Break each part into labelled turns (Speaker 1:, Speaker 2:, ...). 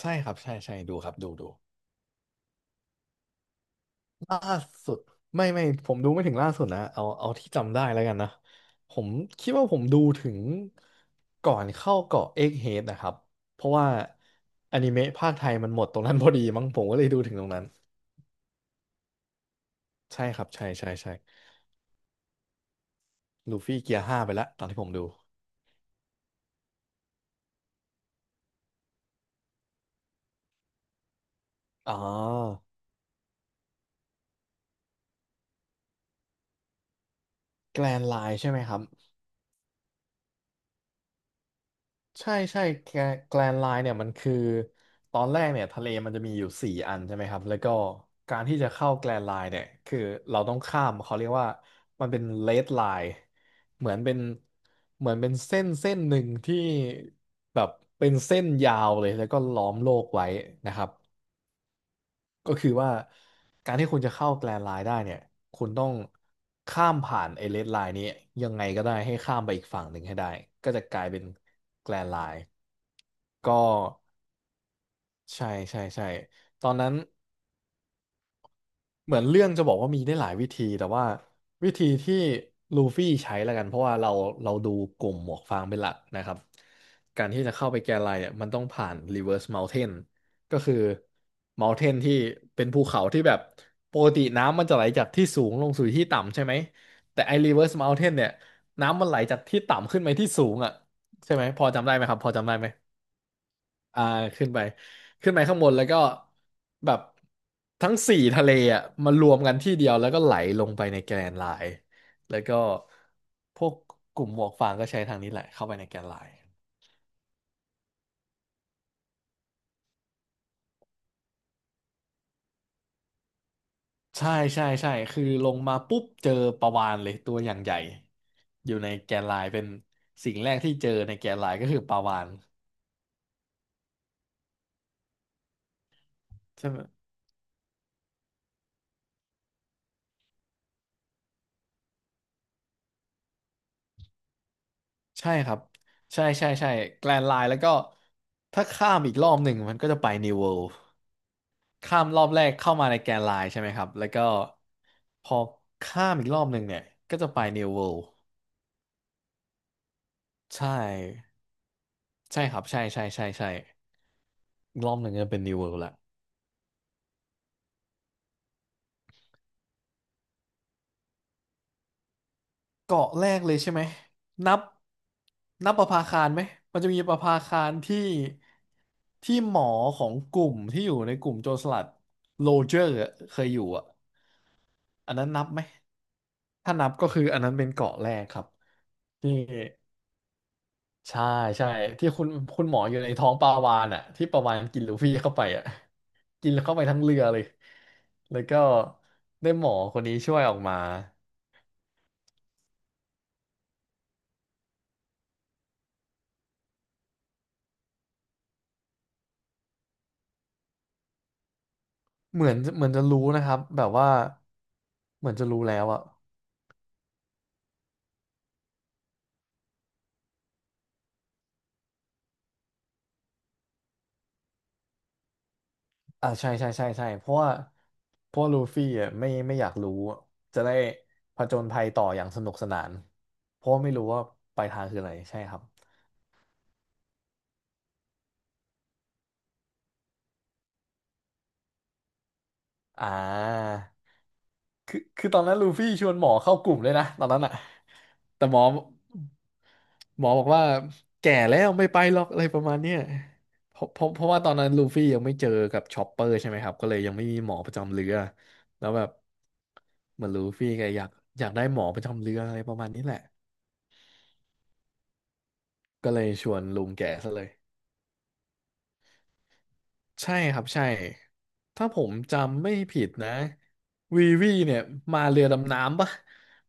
Speaker 1: ใช่ครับใช่ใช่ดูครับดูดูล่าสุดไม่ผมดูไม่ถึงล่าสุดนะเอาที่จำได้แล้วกันนะผมคิดว่าผมดูถึงก่อนเข้าเกาะเอ็กเฮดนะครับเพราะว่าอนิเมะภาคไทยมันหมดตรงนั้นพอดีมั้งผมก็เลยดูถึงตรงนั้นใช่ครับใช่ใช่ใช่ลูฟี่เกียร์ห้าไปแล้วตอนที่ผมดูอ๋อแกรนไลน์ใช่ไหมครับ ใช่ใช่แกลนไลน์เนี่ยมันคือตอนแรกเนี่ยทะเลมันจะมีอยู่สี่อันใช่ไหมครับแล้วก็การที่จะเข้าแกลนไลน์เนี่ยคือเราต้องข้ามเขาเรียกว่ามันเป็นเลดไลน์เหมือนเป็นเหมือนเป็นเส้นเส้นหนึ่งที่แบบเป็นเส้นยาวเลยแล้วก็ล้อมโลกไว้นะครับ ก็คือว่าการที่คุณจะเข้าแกรนด์ไลน์ได้เนี่ยคุณต้องข้ามผ่านไอ้เรดไลน์นี้ยังไงก็ได้ให้ข้ามไปอีกฝั่งหนึ่งให้ได้ก็จะกลายเป็นแกรนด์ไลน์ก็ใช่ใช่ใช่ตอนนั้น เหมือนเรื่องจะบอกว่ามีได้หลายวิธีแต่ว่าวิธีที่ลูฟี่ใช้แล้วกันเพราะว่าเราดูกลุ่มหมวกฟางเป็นหลักนะครับการที่จะเข้าไปแกนไลน์เนี่ยมันต้องผ่าน reverse mountain ก็คือ mountain ที่เป็นภูเขาที่แบบปกติน้ำมันจะไหลจากที่สูงลงสู่ที่ต่ำใช่ไหมแต่ไอ้ reverse mountain เนี่ยน้ำมันไหลจากที่ต่ำขึ้นไปที่สูงอ่ะใช่ไหมพอจำได้ไหมครับพอจำได้ไหม อ่าขึ้นไปขึ้นไปข้างบนแล้วก็แบบทั้งสี่ทะเลอ่ะมารวมกันที่เดียวแล้วก็ไหลลงไปในแกรนด์ไลน์แล้วก็พวกกลุ่มหมวกฟางก็ใช้ทางนี้แหละเข้าไปในแกรนด์ไลน์ใช่ใช่ใช่คือลงมาปุ๊บเจอปลาวาฬเลยตัวอย่างใหญ่อยู่ในแกรนด์ไลน์เป็นสิ่งแรกที่เจอในแกรนด์ไลน์ก็คือปลาวาฬใช่ไหมใช่ครับใช่ใช่ใช่แกรนด์ไลน์แล้วก็ถ้าข้ามอีกรอบหนึ่งมันก็จะไปนิวเวิลด์ ข้ามรอบแรกเข้ามาในแกนไลน์ใช่ไหมครับ แล้วก็พอข้ามอีกรอบหนึ่งเนี่ย ก็จะไป New World ใช่ใช่ครับใช่ใช่ใช่ใช่อีกรอบหนึ่งจะเป็น New World ละเกาะแรกเลยใช่ไหมนับนับประภาคารไหมมันจะมีประภาคารที่ที่หมอของกลุ่มที่อยู่ในกลุ่มโจรสลัดโรเจอร์อะเคยอยู่อ่ะอันนั้นนับไหมถ้านับก็คืออันนั้นเป็นเกาะแรกครับที่ ใช่ใช่ที่คุณหมออยู่ในท้องปลาวาฬอ่ะที่ปลาวาฬกินลูฟี่เข้าไปอ่ะกินเข้าไปทั้งเรือเลยแล้วก็ได้หมอคนนี้ช่วยออกมาเหมือนจะรู้นะครับแบบว่าเหมือนจะรู้แล้วอ่ะอ่าใช่ใช่ใช่ใช่เพราะว่าเพราะลูฟี่อ่ะไม่อยากรู้อะจะได้ผจญภัยต่ออย่างสนุกสนานเพราะไม่รู้ว่าปลายทางคืออะไรใช่ครับอ่าคือตอนนั้นลูฟี่ชวนหมอเข้ากลุ่มเลยนะตอนนั้นอ่ะ แต่หมอบอกว่าแก่แล้วไม่ไปหรอกอะไรประมาณเนี้ยเพราะว่าตอนนั้นลูฟี่ยังไม่เจอกับชอปเปอร์ใช่ไหมครับก็เลยยังไม่มีหมอประจำเรือแล้วแบบเหมือนลูฟี่แกอยากได้หมอประจำเรืออะไรประมาณนี้แหละก็เลยชวนลุงแกซะเลยใช่ครับใช่ถ้าผมจำไม่ผิดนะวีวีเนี่ยมาเรือดำน้ำปะ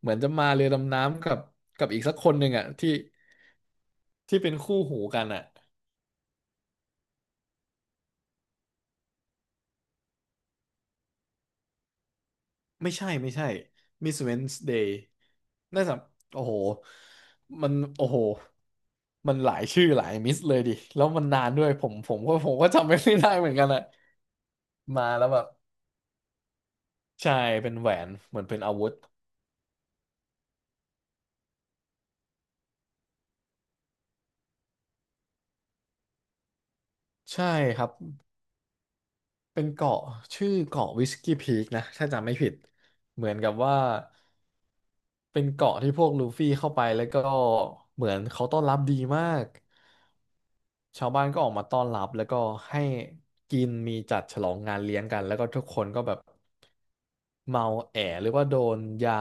Speaker 1: เหมือนจะมาเรือดำน้ำกับกับอีกสักคนหนึ่งอะที่ที่เป็นคู่หูกันอะ ไม่ใช่ไม่ใช่ Miss Wednesday น่าจะโอ้โห มัน โอ้โห มันหลายชื่อหลายมิสเลยดิ แล้วมันนานด้วยผมก็จำไม่ได้เหมือนกันอะมาแล้วแบบ ใช่ เป็นแหวน เหมือนเป็นอาวุธ ใช่ครับ เป็นเกาะชื่อเกาะวิสกี้พีกนะถ้าจำไม่ผิดเหมือนกับว่าเป็นเกาะที่พวกลูฟี่เข้าไปแล้วก็เหมือนเขาต้อนรับดีมากชาวบ้านก็ออกมาต้อนรับแล้วก็ให้กินมีจัดฉลองงานเลี้ยงกันแล้วก็ทุกคนก็แบบเมาแอหรือว่าโดนยา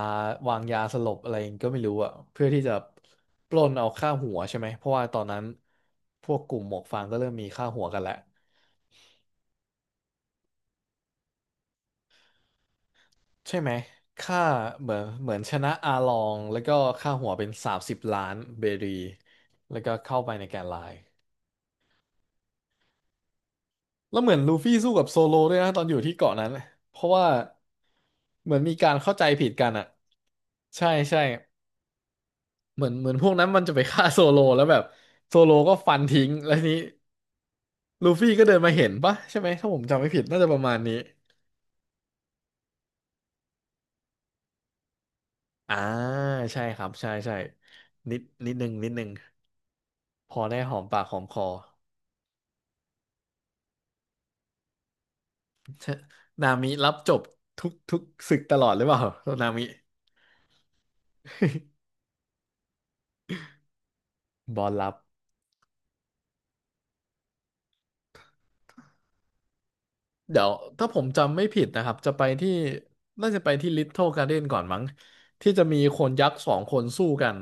Speaker 1: วางยาสลบอะไรก็ไม่รู้อะเพื่อที่จะปล้นเอาค่าหัวใช่ไหมเพราะว่าตอนนั้นพวกกลุ่มหมวกฟางก็เริ่มมีค่าหัวกันแล้ว ใช่ไหมค่าเหมือนชนะอาลองแล้วก็ค่าหัวเป็นสามสิบล้านเบรีแล้วก็เข้าไปในแกนไลน์แล้วเหมือนลูฟี่สู้กับโซโลด้วยนะตอนอยู่ที่เกาะนั้นเพราะว่าเหมือนมีการเข้าใจผิดกันอ่ะใช่ใช่เหมือนพวกนั้นมันจะไปฆ่าโซโลแล้วแบบโซโลก็ฟันทิ้งแล้วทีนี้ลูฟี่ก็เดินมาเห็นปะใช่ไหมถ้าผมจำไม่ผิดน่าจะประมาณนี้อ่าใช่ครับใช่ใช่นิดนึงพอได้หอมปากหอมคอ นามิรับจบทุกศึกตลอดหรือเปล่านามิ บอลรับเดี๋ยวถ้าผมจำไม่ผิดนะครับจะไปที่น่าจะไปที่ลิ เทิลการ์เด้นก่อนมั้งที่จะมีคนยักษ์สองคนสู้กัน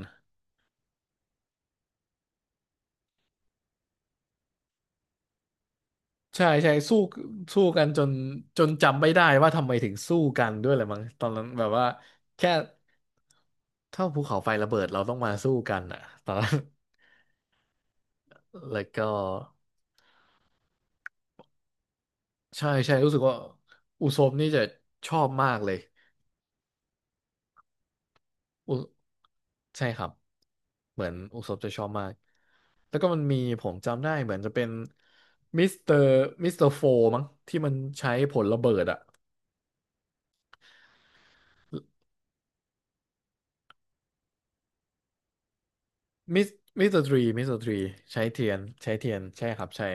Speaker 1: ใช่ใช่สู้สู้กันจนจนจำไม่ได้ว่าทำไมถึงสู้กันด้วยเลยมั้งตอนนั้นแบบว่าแค่เท่าภูเขาไฟระเบิดเราต้องมาสู้กันอ่ะตอนนั้น แล้วก็ใช่ใช่รู้สึกว่าอุซบนี่จะชอบมากเลย อุใช่ครับเหมือนอุศบจะชอบมากแล้วก็มันมีผมจำได้เหมือนจะเป็นมิสเตอร์มิสเตอร์โฟมั้งที่มันใช้ผลระเบิดอะมิสมิสเตอร์ทรีมิสเตอร์ทรีใช้เทียนใช้เทียนใช่ครับใช่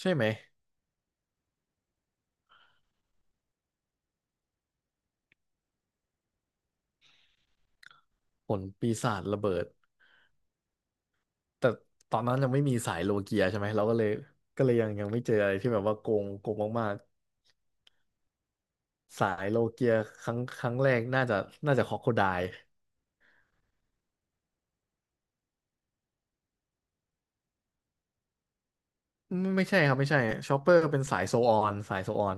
Speaker 1: ใช่ไหมผลปีศาจระเบิดแต่ตอนนั้นยังไม่มีสายโลเกียใช่ไหมเราก็เลยยังไม่เจออะไรที่แบบว่าโกงโกงมากๆสายโลเกียครั้งแรกน่าจะครอกโคไดล์ไม่ใช่ครับไม่ใช่ชอปเปอร์เป็นสายโซออนสายโซออน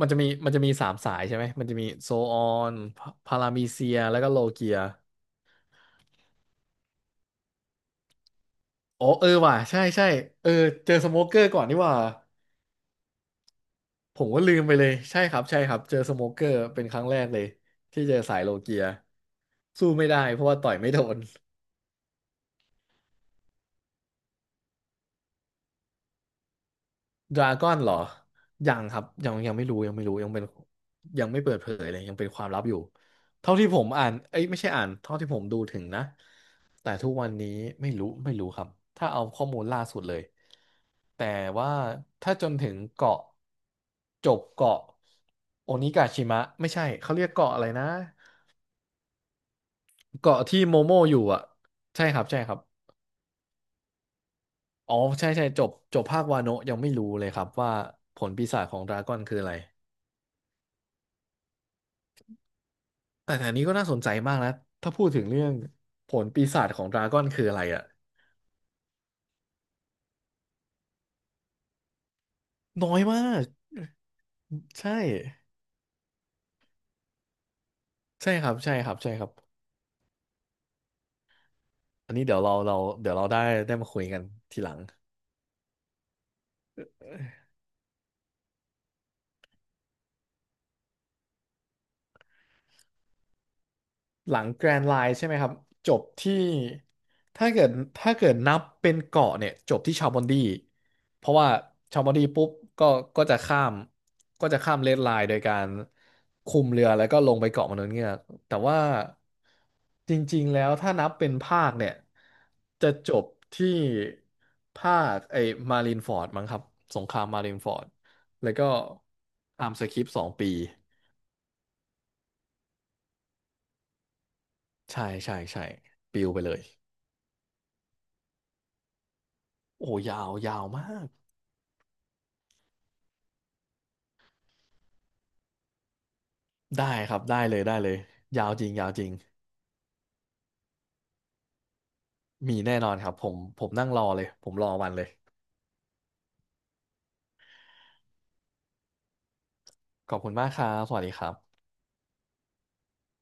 Speaker 1: มันจะมีสามสายใช่ไหมมันจะมีโซออนพารามีเซียแล้วก็โลเกียอ๋อเออว่ะใช่ใช่เออเจอสโมเกอร์ก่อนนี่หว่าผมก็ลืมไปเลยใช่ครับใช่ครับเจอสโมเกอร์เป็นครั้งแรกเลยที่เจอสายโลเกียสู้ไม่ได้เพราะว่าต่อยไม่โดน ดราก้อนเหรอยังครับยังไม่รู้ยังเป็นยังไม่เปิดเผยเลยยังเป็นความลับอยู่เท่าที่ผมอ่านเอ้ยไม่ใช่อ่านเท่าที่ผมดูถึงนะแต่ทุกวันนี้ไม่รู้ครับถ้าเอาข้อมูลล่าสุดเลยแต่ว่าถ้าจนถึงเกาะจบเกาะโอนิกาชิมะไม่ใช่เขาเรียกเกาะอะไรนะเกาะที่โมโมอยู่อ่ะใช่ครับอ๋อใช่ใช่จบจบภาควาโนะยังไม่รู้เลยครับว่าผลปีศาจของดราก้อนคืออะไร แต่อันนี้ก็น่าสนใจมากนะถ้าพูดถึงเรื่องผลปีศาจของดราก้อนคืออะไรอะน้อยมาก ใช่ใช่ครับใช่ครับ ใช่ครับ อันนี้เดี๋ยวเราเดี๋ยวเราได้มาคุยกันทีหลัง หลังแกรนด์ไลน์ใช่ไหมครับจบที่ถ้าเกิดนับเป็นเกาะเนี่ยจบที่ชาบอนดีเพราะว่าชาบอนดีปุ๊บก็จะข้ามเรดไลน์โดยการคุมเรือแล้วก็ลงไปเกาะมนุษย์เงือกแต่ว่าจริงๆแล้วถ้านับเป็นภาคเนี่ยจะจบที่ภาคไอ้มารินฟอร์ดมั้งครับสงครามมารินฟอร์ดแล้วก็ตามสคริปต์สองปีใช่ใช่ใช่ปิวไปเลย โอ้โหยาวยาวมากได้ครับได้เลยได้เลยยาวจริงยาวจริงมีแน่นอนครับผมนั่งรอเลยผมรอวันเลยขอบคุณมากครับสวัสดีครับ